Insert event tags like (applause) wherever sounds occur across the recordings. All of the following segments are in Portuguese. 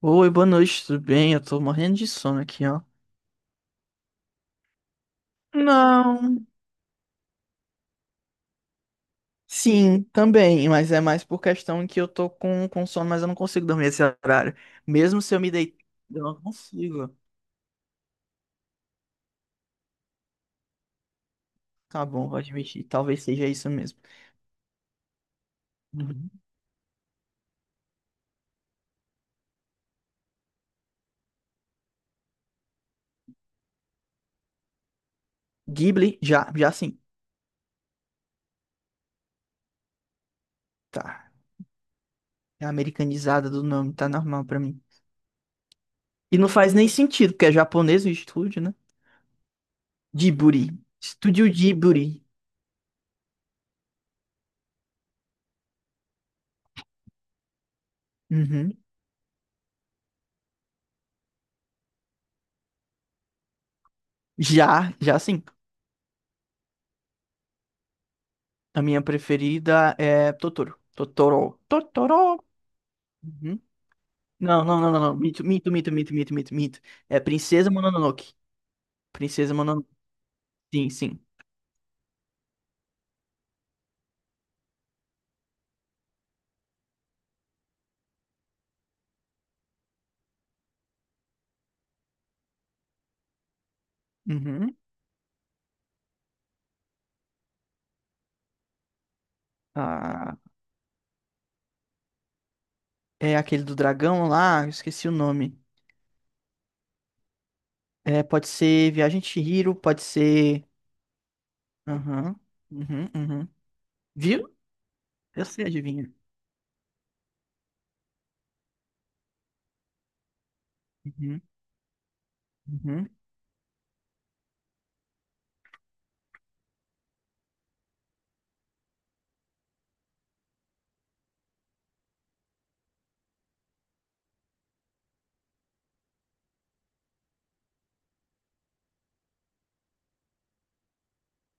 Oi, boa noite, tudo bem? Eu tô morrendo de sono aqui, ó. Não, sim, também, mas é mais por questão que eu tô com sono, mas eu não consigo dormir esse horário. Mesmo se eu me deitar, eu não consigo. Tá bom, vou admitir, talvez seja isso mesmo. Uhum. Ghibli, já, já sim, tá. É americanizada do nome, tá normal pra mim. E não faz nem sentido, porque é japonês o estúdio, né? Djiburi, Estúdio Djiburi. Uhum. Já, já sim. A minha preferida é Totoro. Totoro. Totoro. Uhum. Não, não, não, não, não. Mito, mito, mito, mito, mito, mito, mito. É Princesa Mononoke. Princesa Mononoke. Sim, sim. Uhum. Ah, é aquele do dragão lá, eu esqueci o nome. É, pode ser Viagem de Chihiro, pode ser. Aham. Uhum, uhum. Viu? Eu sei, adivinha. Uhum, uhum.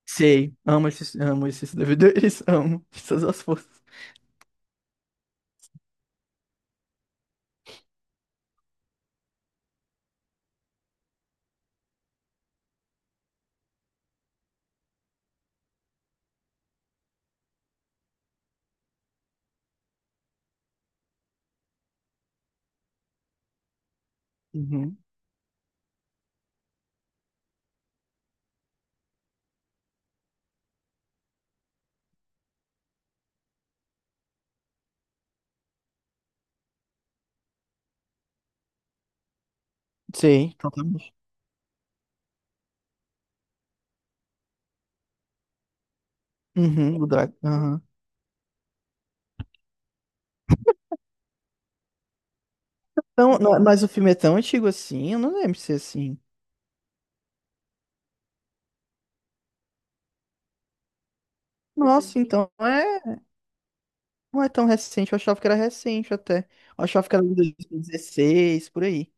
Sei. Amo esses DVDs. (laughs) Amo essas as forças. Uhum. Sei. Totalmente. Uhum, o dragão. Então, mas o filme é tão antigo assim, eu não lembro de ser assim. Nossa, então não é, não é tão recente, eu achava que era recente até. Eu achava que era de 2016, por aí.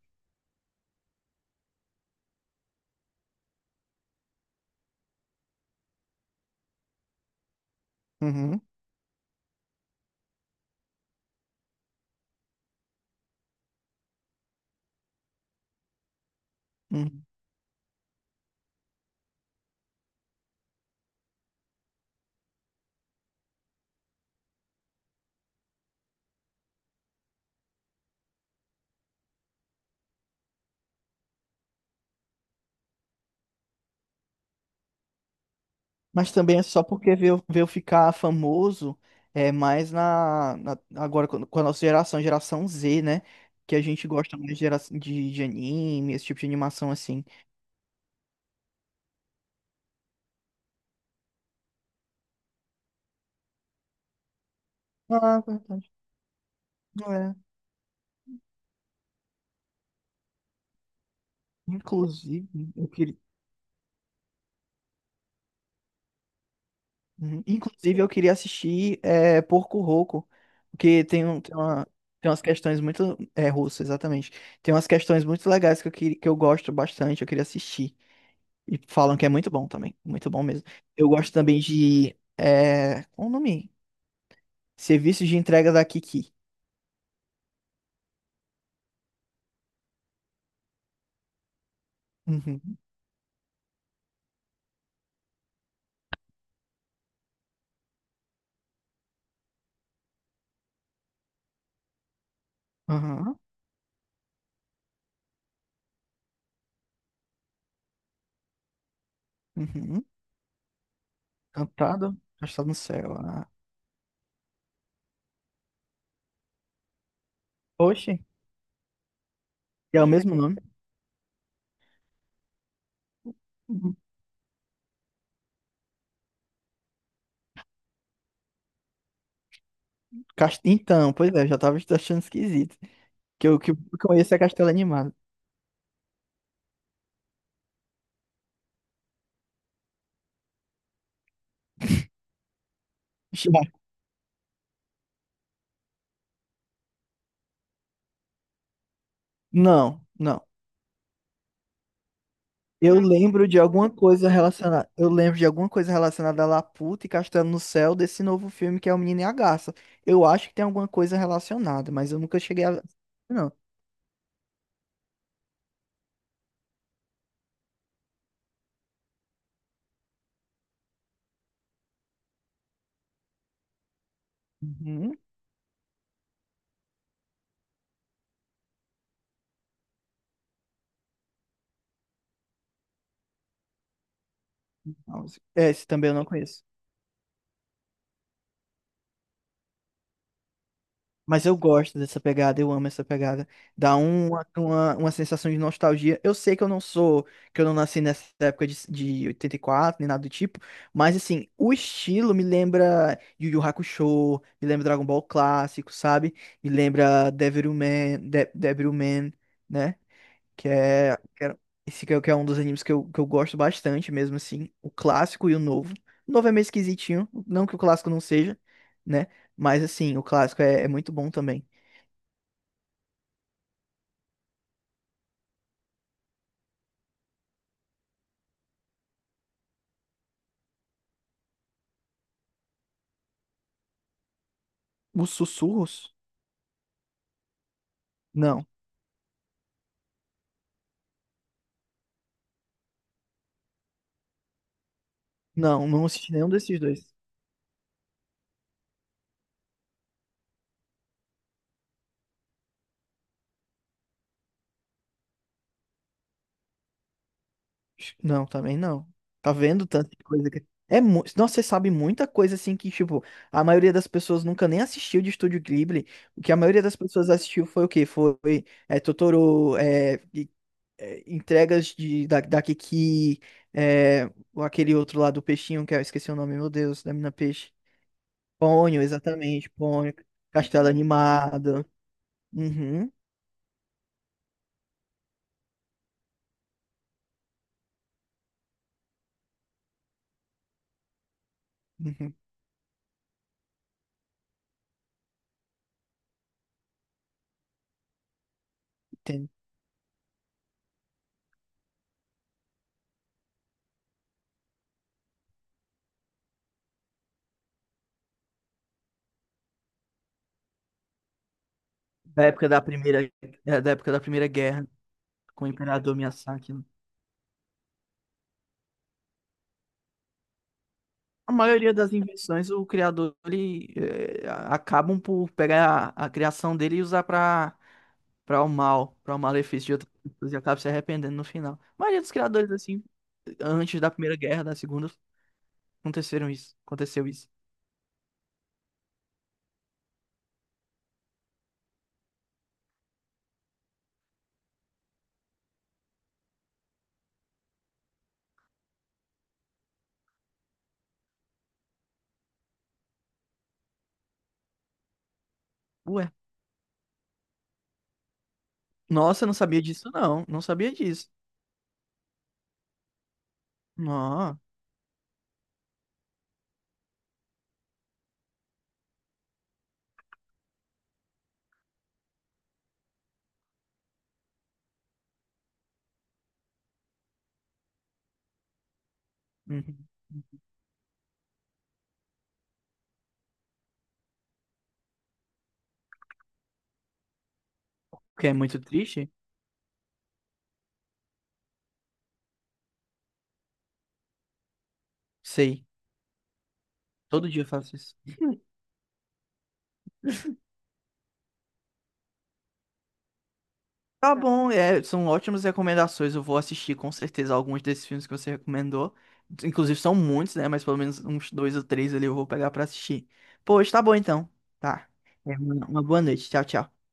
Uhum, uhum. Mas também é só porque veio, veio ficar famoso é mais agora com a nossa geração, geração Z, né? Que a gente gosta mais de, gera- de anime, esse tipo de animação assim. Ah, verdade. É. Inclusive, eu queria. Uhum. Inclusive, eu queria assistir Porco Roco, porque tem umas questões muito. É russo, exatamente. Tem umas questões muito legais que que eu gosto bastante, eu queria assistir. E falam que é muito bom também, muito bom mesmo. Eu gosto também de. É, qual o nome? Serviço de entrega da Kiki. Uhum. Aham. Uhum. Cantado, Castado no Céu. Ah. Oxe, é o mesmo nome. Uhum. Então, pois é, eu já tava achando esquisito. Que eu conheço é Castelo Animado. Não, não. Eu lembro de alguma coisa relacionada. Eu lembro de alguma coisa relacionada a Laputa e Castelo no Céu desse novo filme que é O Menino e a Garça. Eu acho que tem alguma coisa relacionada, mas eu nunca cheguei a. Não. Uhum. Não, é, esse também eu não conheço. Mas eu gosto dessa pegada, eu amo essa pegada. Dá uma sensação de nostalgia. Eu sei que eu não sou, que eu não nasci nessa época de 84 nem nada do tipo, mas assim, o estilo me lembra Yu Yu Hakusho, me lembra Dragon Ball clássico, sabe? Me lembra Devilman, De Devilman, né? Que é. Que era- Esse que é um dos animes que eu gosto bastante mesmo, assim. O clássico e o novo. O novo é meio esquisitinho. Não que o clássico não seja, né? Mas, assim, o clássico é muito bom também. Os Sussurros? Não. Não, não assisti nenhum desses dois. Não, também não. Tá vendo tanta coisa que. Nossa, você sabe muita coisa, assim, que, tipo, a maioria das pessoas nunca nem assistiu de Estúdio Ghibli. O que a maioria das pessoas assistiu foi o quê? Foi é, Totoro, é. É, entregas da Kiki, é, ou aquele outro lá do peixinho, que eu esqueci o nome, meu Deus, da mina peixe. Ponho, exatamente, Ponho. Castelo Animado. Uhum, uhum, entendo. Da época da primeira, é, da época da Primeira Guerra, com o Imperador Miyazaki. Né? A maioria das invenções, o criador, ele, é, acabam por pegar a criação dele e usar para para o mal, para o malefício de outras pessoas e acaba se arrependendo no final. A maioria dos criadores, assim, antes da Primeira Guerra, da Segunda. Aconteceram isso. Aconteceu isso. Ué. Nossa, não sabia disso, não. Não sabia disso. Não. Uhum. Que é muito triste? Sei. Todo dia eu faço isso. Tá bom, é, são ótimas recomendações. Eu vou assistir com certeza alguns desses filmes que você recomendou. Inclusive são muitos, né? Mas pelo menos uns 2 ou 3 ali eu vou pegar pra assistir. Pois tá bom então. Tá. É, uma boa noite. Tchau, tchau.